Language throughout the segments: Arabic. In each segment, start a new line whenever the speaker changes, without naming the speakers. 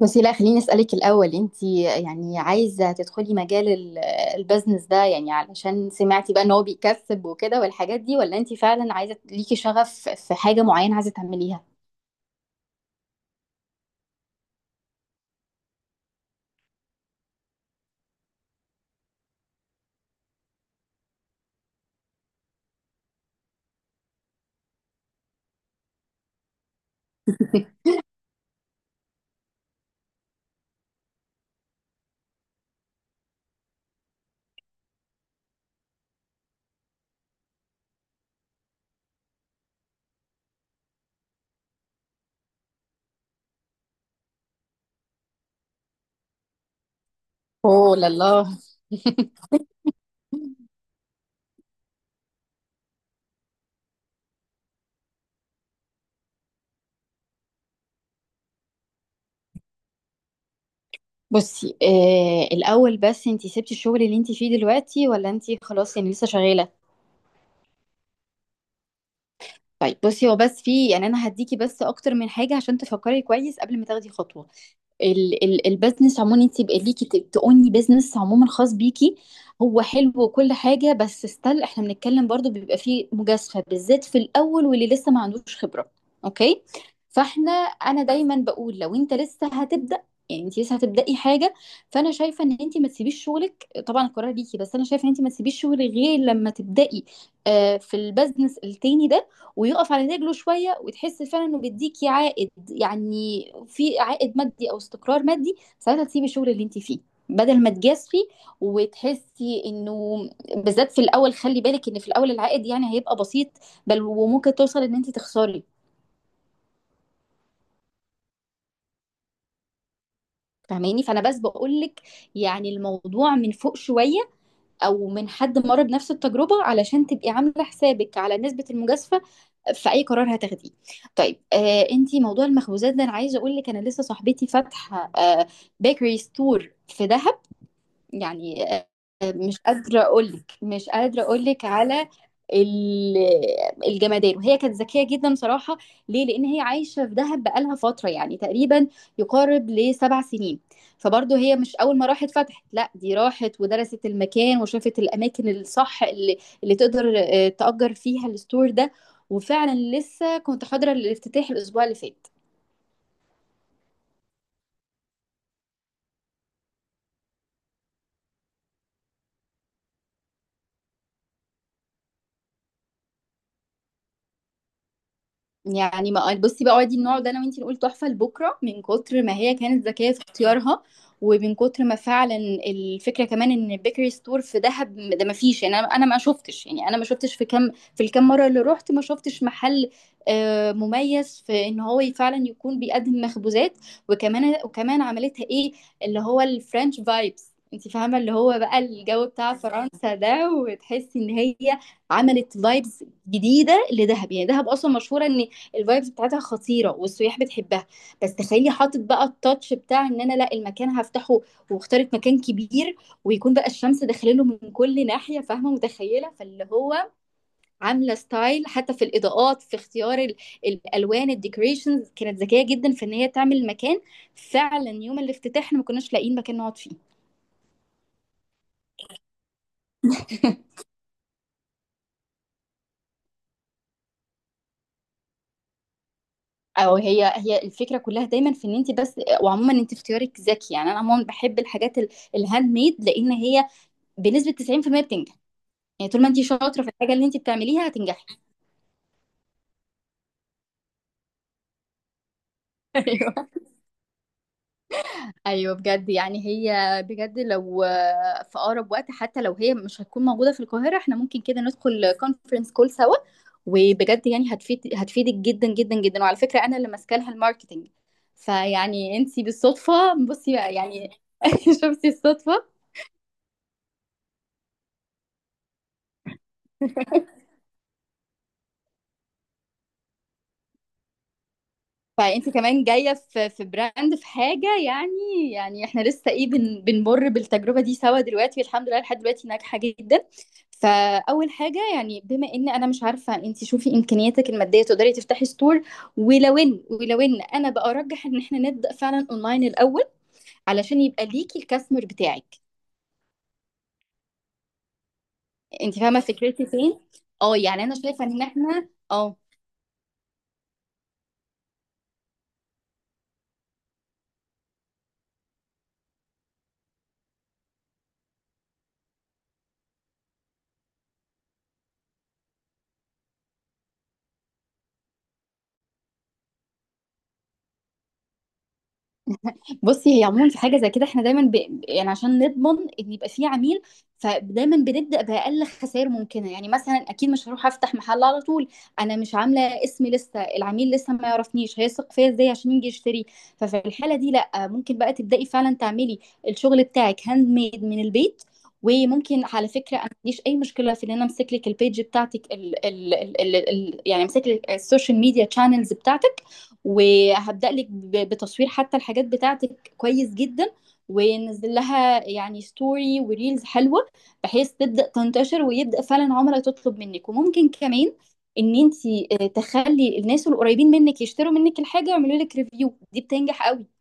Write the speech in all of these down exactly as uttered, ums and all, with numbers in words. بس لا خليني أسألك الأول، انت يعني عايزة تدخلي مجال ال- البزنس ده يعني علشان سمعتي بقى ان هو بيكسب وكده والحاجات دي، ولا انت فعلا عايزة ليكي شغف في حاجة معينة عايزة تعمليها؟ اوه لله. بصي آه الاول، بس انت سبتي الشغل اللي انت فيه دلوقتي ولا انت خلاص يعني لسه شغالة؟ طيب بصي، هو بس في يعني انا هديكي بس اكتر من حاجة عشان تفكري كويس قبل ما تاخدي خطوة. ال ال البزنس عموما، انت يبقى ليكي ت- تقوني بزنس عموما خاص بيكي، هو حلو وكل حاجه، بس ستيل احنا بنتكلم برضو بيبقى فيه مجازفه، بالذات في الاول واللي لسه ما عندوش خبره. اوكي، فاحنا انا دايما بقول لو انت لسه هتبدا، يعني انت لسه هتبداي حاجه، فانا شايفه ان انت ما تسيبيش شغلك. طبعا القرار ليكي، بس انا شايفه ان انت ما تسيبيش شغلك غير لما تبداي آه، في البزنس التاني ده، ويقف على رجله شويه، وتحس فعلا انه بيديكي عائد، يعني في عائد مادي او استقرار مادي، ساعتها تسيبي الشغل اللي انت فيه، بدل ما تجازفي وتحسي انه، بالذات في الاول، خلي بالك ان في الاول العائد يعني هيبقى بسيط، بل وممكن توصل ان انت تخسري. فاهماني؟ فانا بس بقول لك يعني الموضوع من فوق شويه، او من حد مر بنفس التجربه، علشان تبقي عامله حسابك على نسبه المجازفه في اي قرار هتاخديه. طيب آه، انتي موضوع المخبوزات ده، انا عايزه اقول لك، انا لسه صاحبتي فاتحه آه بيكري ستور في دهب، يعني آه، مش قادرة أقولك، مش قادرة أقولك على ال- الجمدان. وهي كانت ذكية جدا صراحة. ليه؟ لأن هي عايشة في دهب بقالها فترة، يعني تقريبا يقارب لسبع سنين. فبرضه هي مش أول ما راحت فتحت، لا، دي راحت ودرست المكان، وشافت الأماكن الصح اللي, اللي تقدر آه، تأجر فيها الستور ده. وفعلا لسه كنت حاضرة الافتتاح الأسبوع اللي فات. يعني ما بصي بقى، دي النوع ده انا وانتي نقول تحفه لبكره، من كتر ما هي كانت ذكيه في اختيارها، ومن كتر ما فعلا الفكره كمان ان البيكري ستور في دهب ده ما فيش. يعني انا انا ما شفتش، يعني انا ما شفتش في كم، في الكام مره اللي رحت، ما شفتش محل آه، مميز في ان هو فعلا يكون بيقدم مخبوزات. وكمان وكمان عملتها ايه، اللي هو الفرنش فايبس. انت فاهمه، اللي هو بقى الجو بتاع فرنسا ده، وتحسي ان هي عملت فايبس جديده لدهب. يعني دهب اصلا مشهوره ان الفايبس بتاعتها خطيره والسياح بتحبها، بس تخيلي حاطط بقى التاتش بتاع ان انا لا، المكان هفتحه واختارت مكان كبير، ويكون بقى الشمس داخله من كل ناحيه. فاهمه؟ متخيله؟ فاللي هو عامله ستايل حتى في الاضاءات، في اختيار ال- الالوان، الديكوريشنز. كانت ذكيه جدا في ان هي تعمل مكان فعلا يوم الافتتاح احنا ما كناش لاقيين مكان نقعد فيه. او هي هي الفكره كلها دايما في ان انت بس، وعموما انت في اختيارك ذكي. يعني انا عموما بحب الحاجات ال- الهاند ميد، لان هي بنسبه تسعين في المية بتنجح. يعني طول ما انت شاطره في الحاجه اللي انت بتعمليها هتنجحي. ايوه، ايوه بجد. يعني هي بجد لو آه، في اقرب وقت، حتى لو هي مش هتكون موجوده في القاهره، احنا ممكن كده ندخل كونفرنس كول سوا. وبجد يعني هتفيد هتفيدك جدا جدا جدا. وعلى فكره انا اللي ماسكه لها الماركتنج. فيعني انت بالصدفه، بصي بقى يعني شفتي الصدفه؟ فانت كمان جايه في في براند، في حاجه يعني، يعني احنا لسه ايه، بن بنمر بالتجربه دي سوا دلوقتي، الحمد لله لحد دلوقتي ناجحه جدا. فاول حاجه يعني بما ان انا مش عارفه، انت شوفي امكانياتك الماديه تقدري تفتحي ستور، ولو ان، ولو ان انا بقى ارجح ان احنا نبدا فعلا اونلاين الاول، علشان يبقى ليكي الكاستمر بتاعك. انت فاهمه فكرتي فين؟ اه يعني انا شايفه ان احنا اه، بصي هي عموما في حاجه زي كده احنا دايما ب... يعني عشان نضمن ان يبقى في عميل، فدايما بنبدا باقل خسائر ممكنه. يعني مثلا اكيد مش هروح افتح محل على طول، انا مش عامله اسمي لسه، العميل لسه ما يعرفنيش، هيثق فيا ازاي عشان يجي يشتري؟ ففي الحاله دي لا، ممكن بقى تبداي فعلا تعملي الشغل بتاعك هاند ميد من البيت. وممكن على فكره انا ما عنديش اي مشكله في ان انا امسك لك البيج بتاعتك ال... ال... ال... ال... ال- يعني امسك لك السوشيال ميديا تشانلز بتاعتك، وهبدأ لك ب- بتصوير حتى الحاجات بتاعتك كويس جدا، وننزل لها يعني ستوري وريلز حلوة، بحيث تبدأ تنتشر ويبدأ فعلا عملاء تطلب منك. وممكن كمان ان انت تخلي الناس القريبين منك يشتروا منك الحاجة ويعملوا لك ريفيو، دي بتنجح قوي.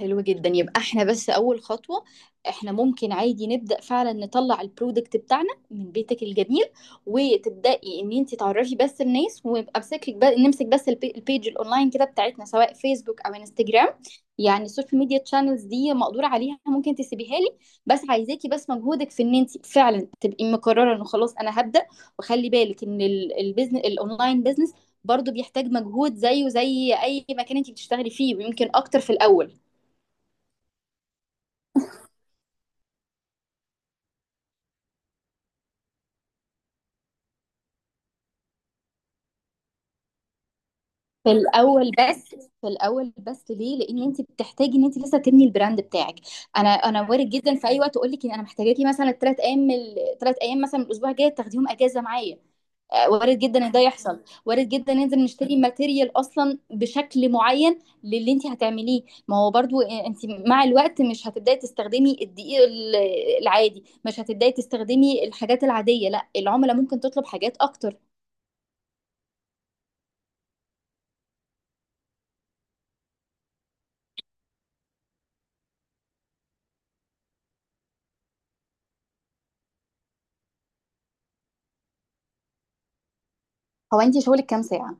حلو جدا، يبقى احنا بس اول خطوة، احنا ممكن عادي نبدأ فعلا نطلع البرودكت بتاعنا من بيتك الجميل، وتبدأي ان انت تعرفي بس الناس، ويبقى امسكك بس، نمسك بس البي- البيج الاونلاين كده بتاعتنا، سواء فيسبوك او انستجرام. يعني السوشيال ميديا تشانلز دي مقدور عليها، ممكن تسيبيها لي. بس عايزاكي بس مجهودك في ان انت فعلا تبقي مقررة انه خلاص انا هبدأ. وخلي بالك ان البيزنس الاونلاين بيزنس برضو بيحتاج مجهود زيه زي اي مكان انت بتشتغلي فيه، ويمكن اكتر في الاول. في الاول بس في الاول بس ليه؟ لان انت بتحتاجي ان انت لسه تبني البراند بتاعك. انا انا وارد جدا في اي وقت اقول لك ان انا محتاجاكي مثلا الثلاث ايام، الثلاث ايام مثلا من الاسبوع الجاي تاخديهم اجازه معايا. آه، وارد جدا ان ده يحصل. وارد جدا ننزل نشتري ماتيريال اصلا بشكل معين للي انت هتعمليه. ما هو برضو آه، انت مع الوقت مش هتبداي تستخدمي الدقيق ال- العادي، مش هتبداي تستخدمي الحاجات العاديه، لا، العملاء ممكن تطلب حاجات اكتر. هو انت شغلك كام ساعه؟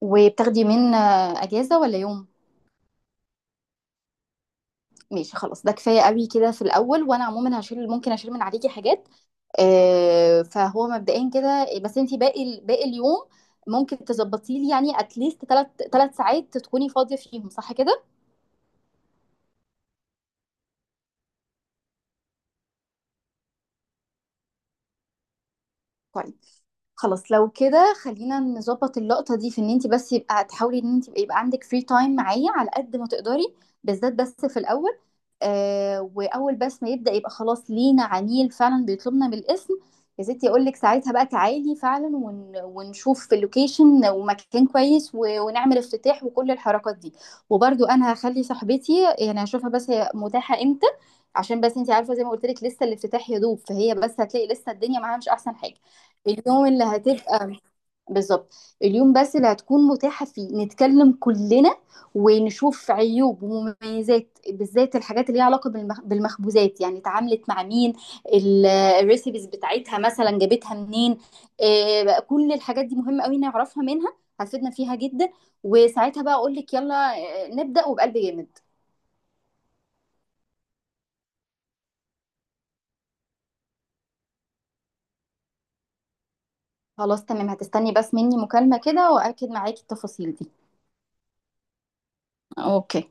وبتاخدي من آه، اجازه ولا يوم؟ ماشي خلاص، ده كفايه قوي كده في الاول. وانا عموما هشيل، ممكن اشيل من عليكي حاجات آه، فهو مبدئيا كده إيه، بس انت باقي ال- باقي اليوم ممكن تظبطي لي يعني اتليست ثلاث ثلاث ساعات تكوني فاضيه فيهم، صح كده؟ خلاص لو كده خلينا نظبط اللقطة دي، في ان انت بس يبقى تحاولي ان انت يبقى عندك فري تايم معايا على قد ما تقدري، بالذات بس في الاول. آه، واول بس ما يبدأ يبقى خلاص لينا عميل فعلا بيطلبنا بالاسم، يا ستي اقول لك ساعتها بقى تعالي فعلا، ون ونشوف في اللوكيشن ومكان كويس، و- ونعمل افتتاح وكل الحركات دي. وبرضو انا هخلي صاحبتي يعني هشوفها بس هي متاحة امتى، عشان بس انت عارفة زي ما قلت لك لسه الافتتاح يا دوب، فهي بس هتلاقي لسه الدنيا معاها مش احسن حاجة. اليوم اللي هتبقى بالظبط، اليوم بس اللي هتكون متاحة فيه نتكلم كلنا ونشوف عيوب ومميزات، بالذات الحاجات اللي ليها علاقة بالمخ- بالمخبوزات، يعني اتعاملت مع مين، ال- الريسيبيز بتاعتها مثلا جابتها منين. آه، بقى كل الحاجات دي مهمة قوي نعرفها منها، هتفيدنا فيها جدا. وساعتها بقى اقول لك يلا آه، نبدأ وبقلب جامد. خلاص تمام، هتستني بس مني مكالمة كده وأكد معاكي التفاصيل دي. اوكي.